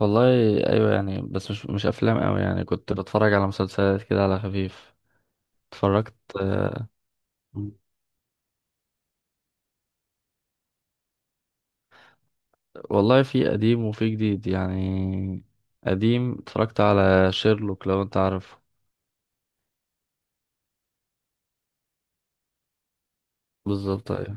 والله، ايوه يعني بس مش افلام قوي، يعني كنت بتفرج على مسلسلات كده على خفيف. اتفرجت. آه. والله في قديم وفي جديد يعني. قديم اتفرجت على شيرلوك لو انت عارفه. بالظبط ايوه.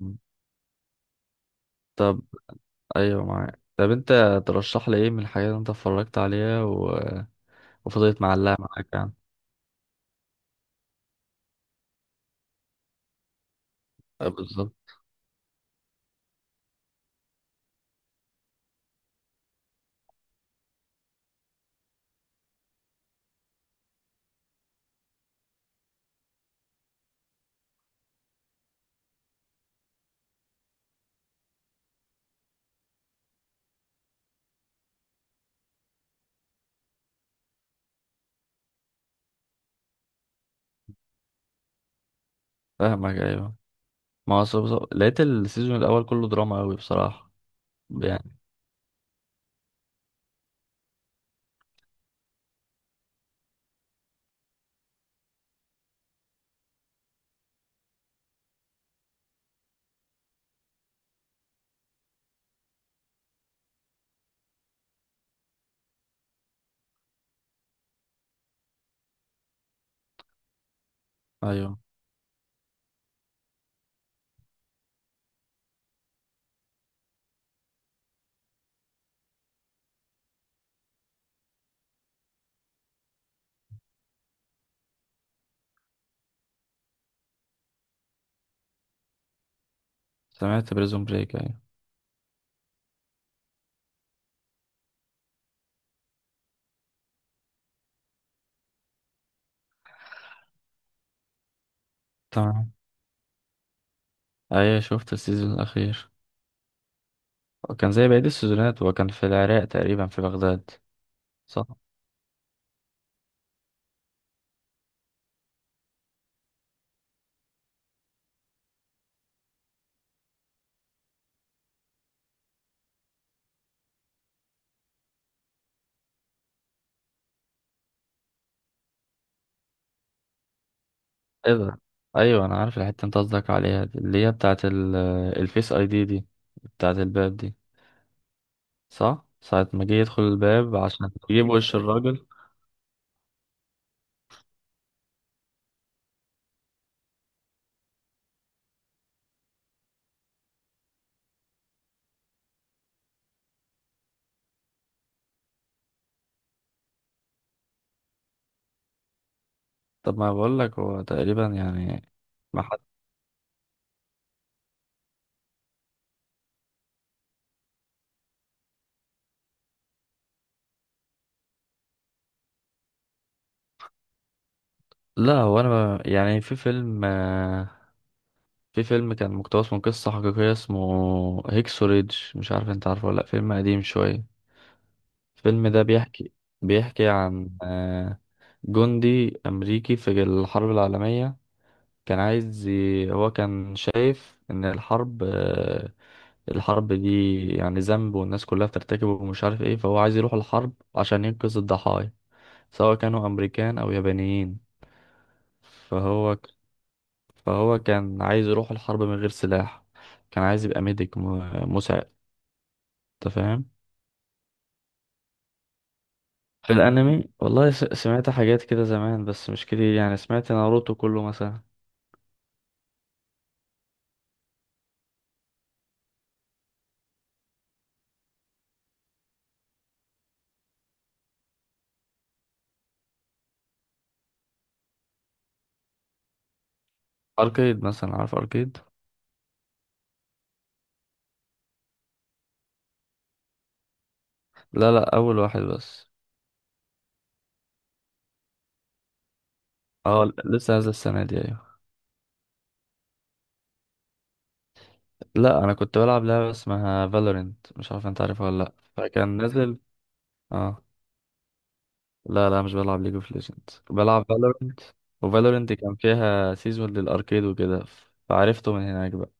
مم. طب ايوه معاك. طب انت ترشح لي ايه من الحاجات اللي انت اتفرجت عليها وفضلت معلقة معاك يعني. آه، بالظبط. فاهمك ايوه. ما هو لقيت السيزون الاول كله دراما قوي بصراحة. يعني ايوه. سمعت بريزون بريك ايوه. تمام. ايوه شفت السيزون الاخير، كان زي بقية السيزونات وكان في العراق تقريبا في بغداد. صح. ايه ده. ايوه انا عارف الحته انت قصدك عليها دي، اللي هي بتاعه الفيس اي دي دي، بتاعه الباب دي. صح ساعه ما جه يدخل الباب عشان يجيب وش الراجل. طب ما بقول لك هو تقريبا يعني. ما حد. لا هو انا يعني في فيلم كان مقتبس من قصه حقيقيه اسمه هيكسوريدج، مش عارف انت عارفه ولا لا، فيلم قديم شويه. الفيلم ده بيحكي عن جندي أمريكي في الحرب العالمية. كان عايز هو كان شايف إن الحرب دي يعني ذنب والناس كلها بترتكبه، ومش عارف ايه، فهو عايز يروح الحرب عشان ينقذ الضحايا سواء كانوا أمريكان أو يابانيين. فهو ك- فهو كان عايز يروح الحرب من غير سلاح. كان عايز يبقى ميديك مساعد. أنت فاهم. في الانمي والله، سمعت حاجات كده زمان بس مش كتير، يعني سمعت ناروتو كله مثلا. اركيد مثلا، عارف اركيد. لا، لا، اول واحد بس. اه، لسه نازل السنه دي ايوه. لا انا كنت بلعب لعبه اسمها فالورنت، مش عارف انت عارفها ولا لا، فكان نازل. اه. لا، لا، مش بلعب ليج اوف ليجندز، بلعب فالورنت. وفالورنت كان فيها سيزون للاركيد وكده، فعرفته من هناك بقى.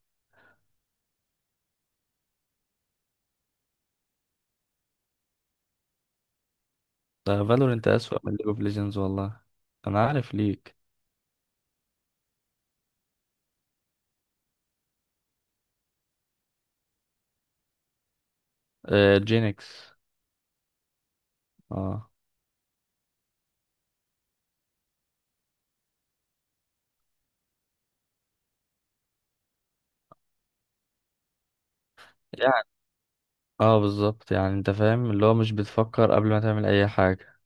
ده فالورنت اسوأ من ليج اوف ليجندز والله. انا عارف ليك. آه، جينكس. اه، اه، بالظبط. يعني انت فاهم اللي هو مش بتفكر قبل ما تعمل اي حاجة.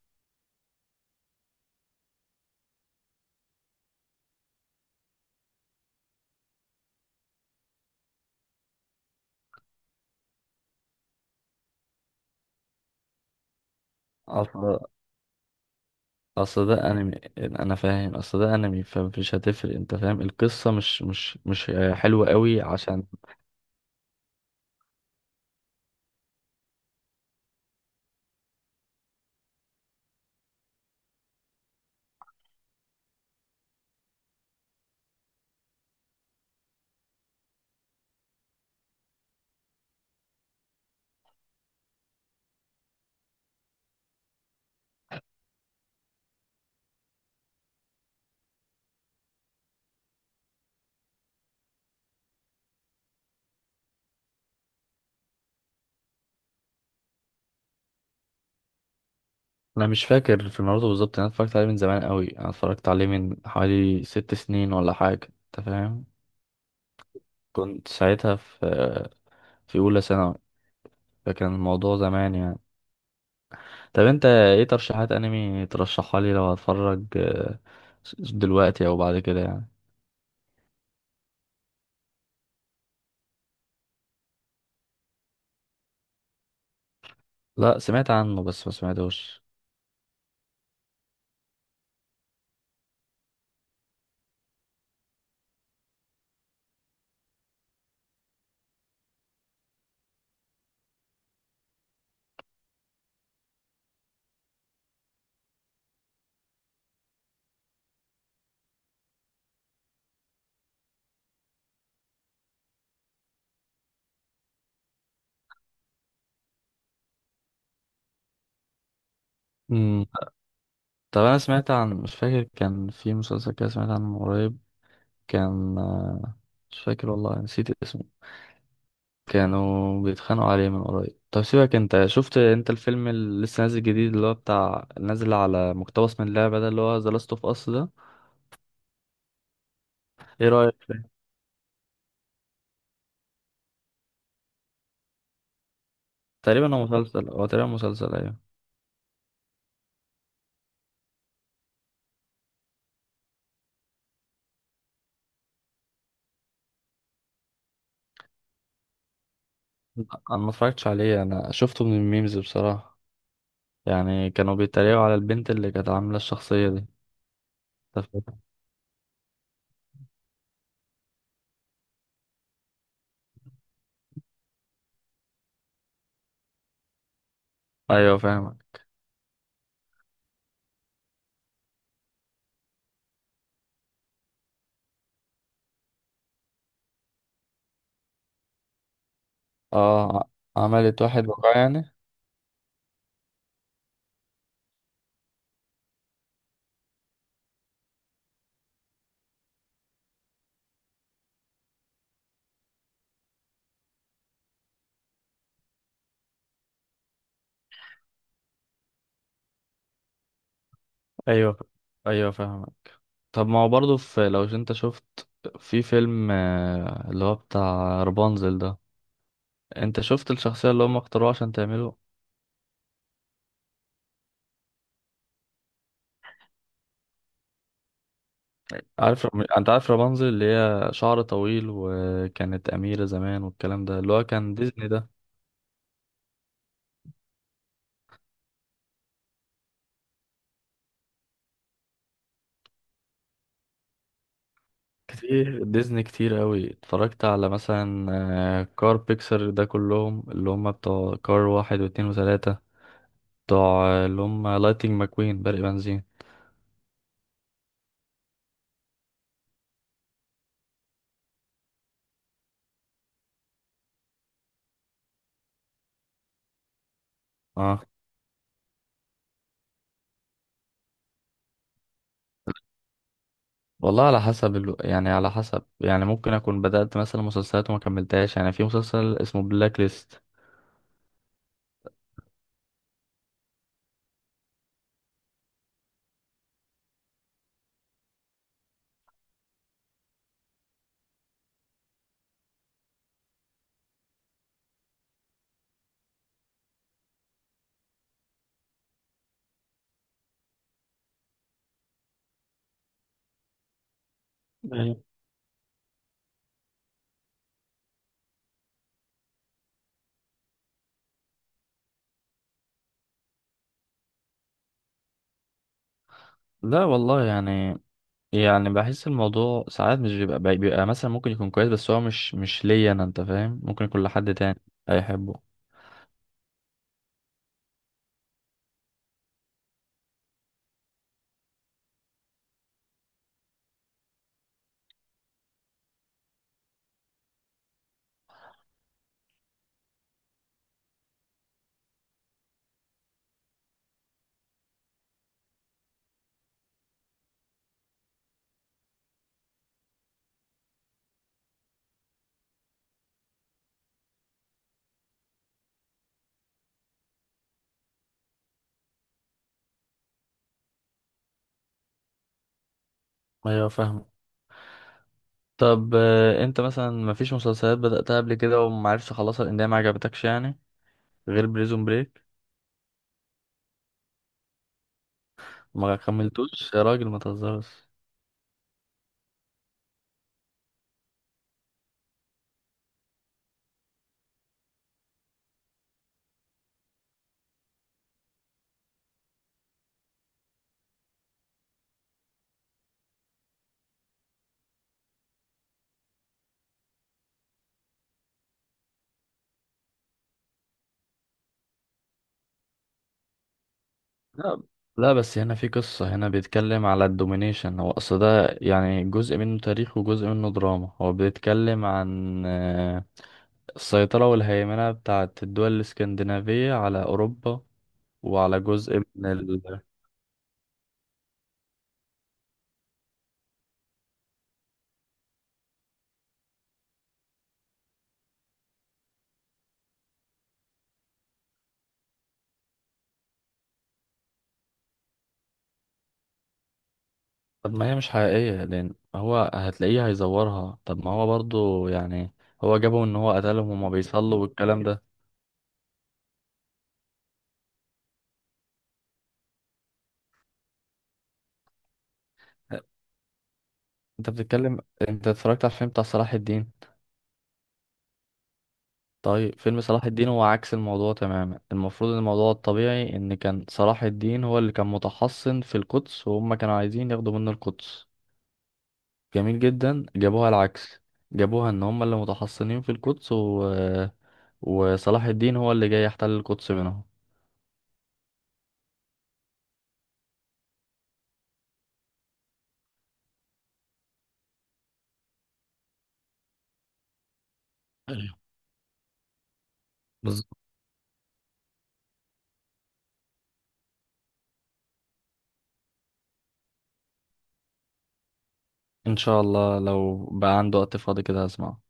اصل اصل ده انمي انا فاهم. اصل ده انمي فمش هتفرق. انت فاهم القصة مش حلوة قوي عشان. انا مش فاكر في ناروتو بالظبط، انا اتفرجت عليه من زمان قوي، انا اتفرجت عليه من حوالي 6 سنين ولا حاجة. انت فاهم. كنت ساعتها في اولى ثانوي. فكان الموضوع زمان يعني. طب انت ايه ترشيحات انمي ترشحها لي لو هتفرج دلوقتي او بعد كده يعني. لا سمعت عنه بس ما سمعتوش. امم طب انا سمعت عن، مش فاكر، كان في مسلسل كده سمعت عنه من قريب. كان مش فاكر والله نسيت اسمه. كانوا بيتخانقوا عليه من قريب. طب سيبك، انت شفت انت الفيلم اللي لسه نازل جديد اللي هو بتاع نازل على مقتبس من اللعبة ده اللي هو ذا لاست اوف اس ده. ايه رأيك فيه؟ تقريبا هو مسلسل، هو تقريبا مسلسل ايوه. لا، انا ما اتفرجتش عليه. انا شفته من الميمز بصراحة. يعني كانوا بيتريقوا على البنت اللي كانت عاملة الشخصية دي. أنت فاهم؟ ايوه فاهم. اه، عملت واحد وقع يعني. ايوه، ايوه، فاهم. طب ما هو برضه في، لو انت شفت، في فيلم اللي هو بتاع رابنزل ده. انت شفت الشخصية اللي هم اختاروها عشان تعمله. انت عارف رابنزل اللي هي شعر طويل وكانت أميرة زمان والكلام ده اللي هو كان ديزني ده. كتير، ديزني كتير قوي. اتفرجت على مثلا كار بيكسر ده كلهم اللي هم بتوع كار واحد واتنين وتلاتة، بتوع اللي هم لايتنج ماكوين برق بنزين. اه، والله على حسب يعني على حسب، يعني ممكن اكون بدأت مثلا مسلسلات وما كملتهاش، يعني في مسلسل اسمه بلاك ليست. ايوه. لا والله يعني بحس الموضوع ساعات مش بيبقى مثلا ممكن يكون كويس، بس هو مش ليا انا، انت فاهم، ممكن يكون لحد تاني هيحبه. ايوه فاهم. طب انت مثلا مفيش مسلسلات بدأتها قبل كده ومعرفش اخلصها لان هي ما عجبتكش يعني، غير بريزون بريك. ما كملتوش يا راجل ما تهزرش. لا، لا، بس هنا في قصة. هنا بيتكلم على الدومينيشن، هو أصل ده يعني جزء منه تاريخ وجزء منه دراما. هو بيتكلم عن السيطرة والهيمنة بتاعت الدول الإسكندنافية على أوروبا وعلى جزء من طب ما هي مش حقيقية لأن هو هتلاقيه هيزورها. طب ما هو برضو يعني هو جابه إن هو قتلهم وما بيصلوا والكلام ده. أنت بتتكلم. أنت اتفرجت على الفيلم بتاع صلاح الدين؟ طيب فيلم صلاح الدين هو عكس الموضوع تماما. المفروض ان الموضوع الطبيعي ان كان صلاح الدين هو اللي كان متحصن في القدس وهم كانوا عايزين ياخدوا منه القدس. جميل جدا جابوها العكس. جابوها ان هم اللي متحصنين في القدس وصلاح الدين هو اللي جاي يحتل القدس منهم. ايوه بالظبط. ان شاء الله لو بقى عنده وقت فاضي كده هسمعه.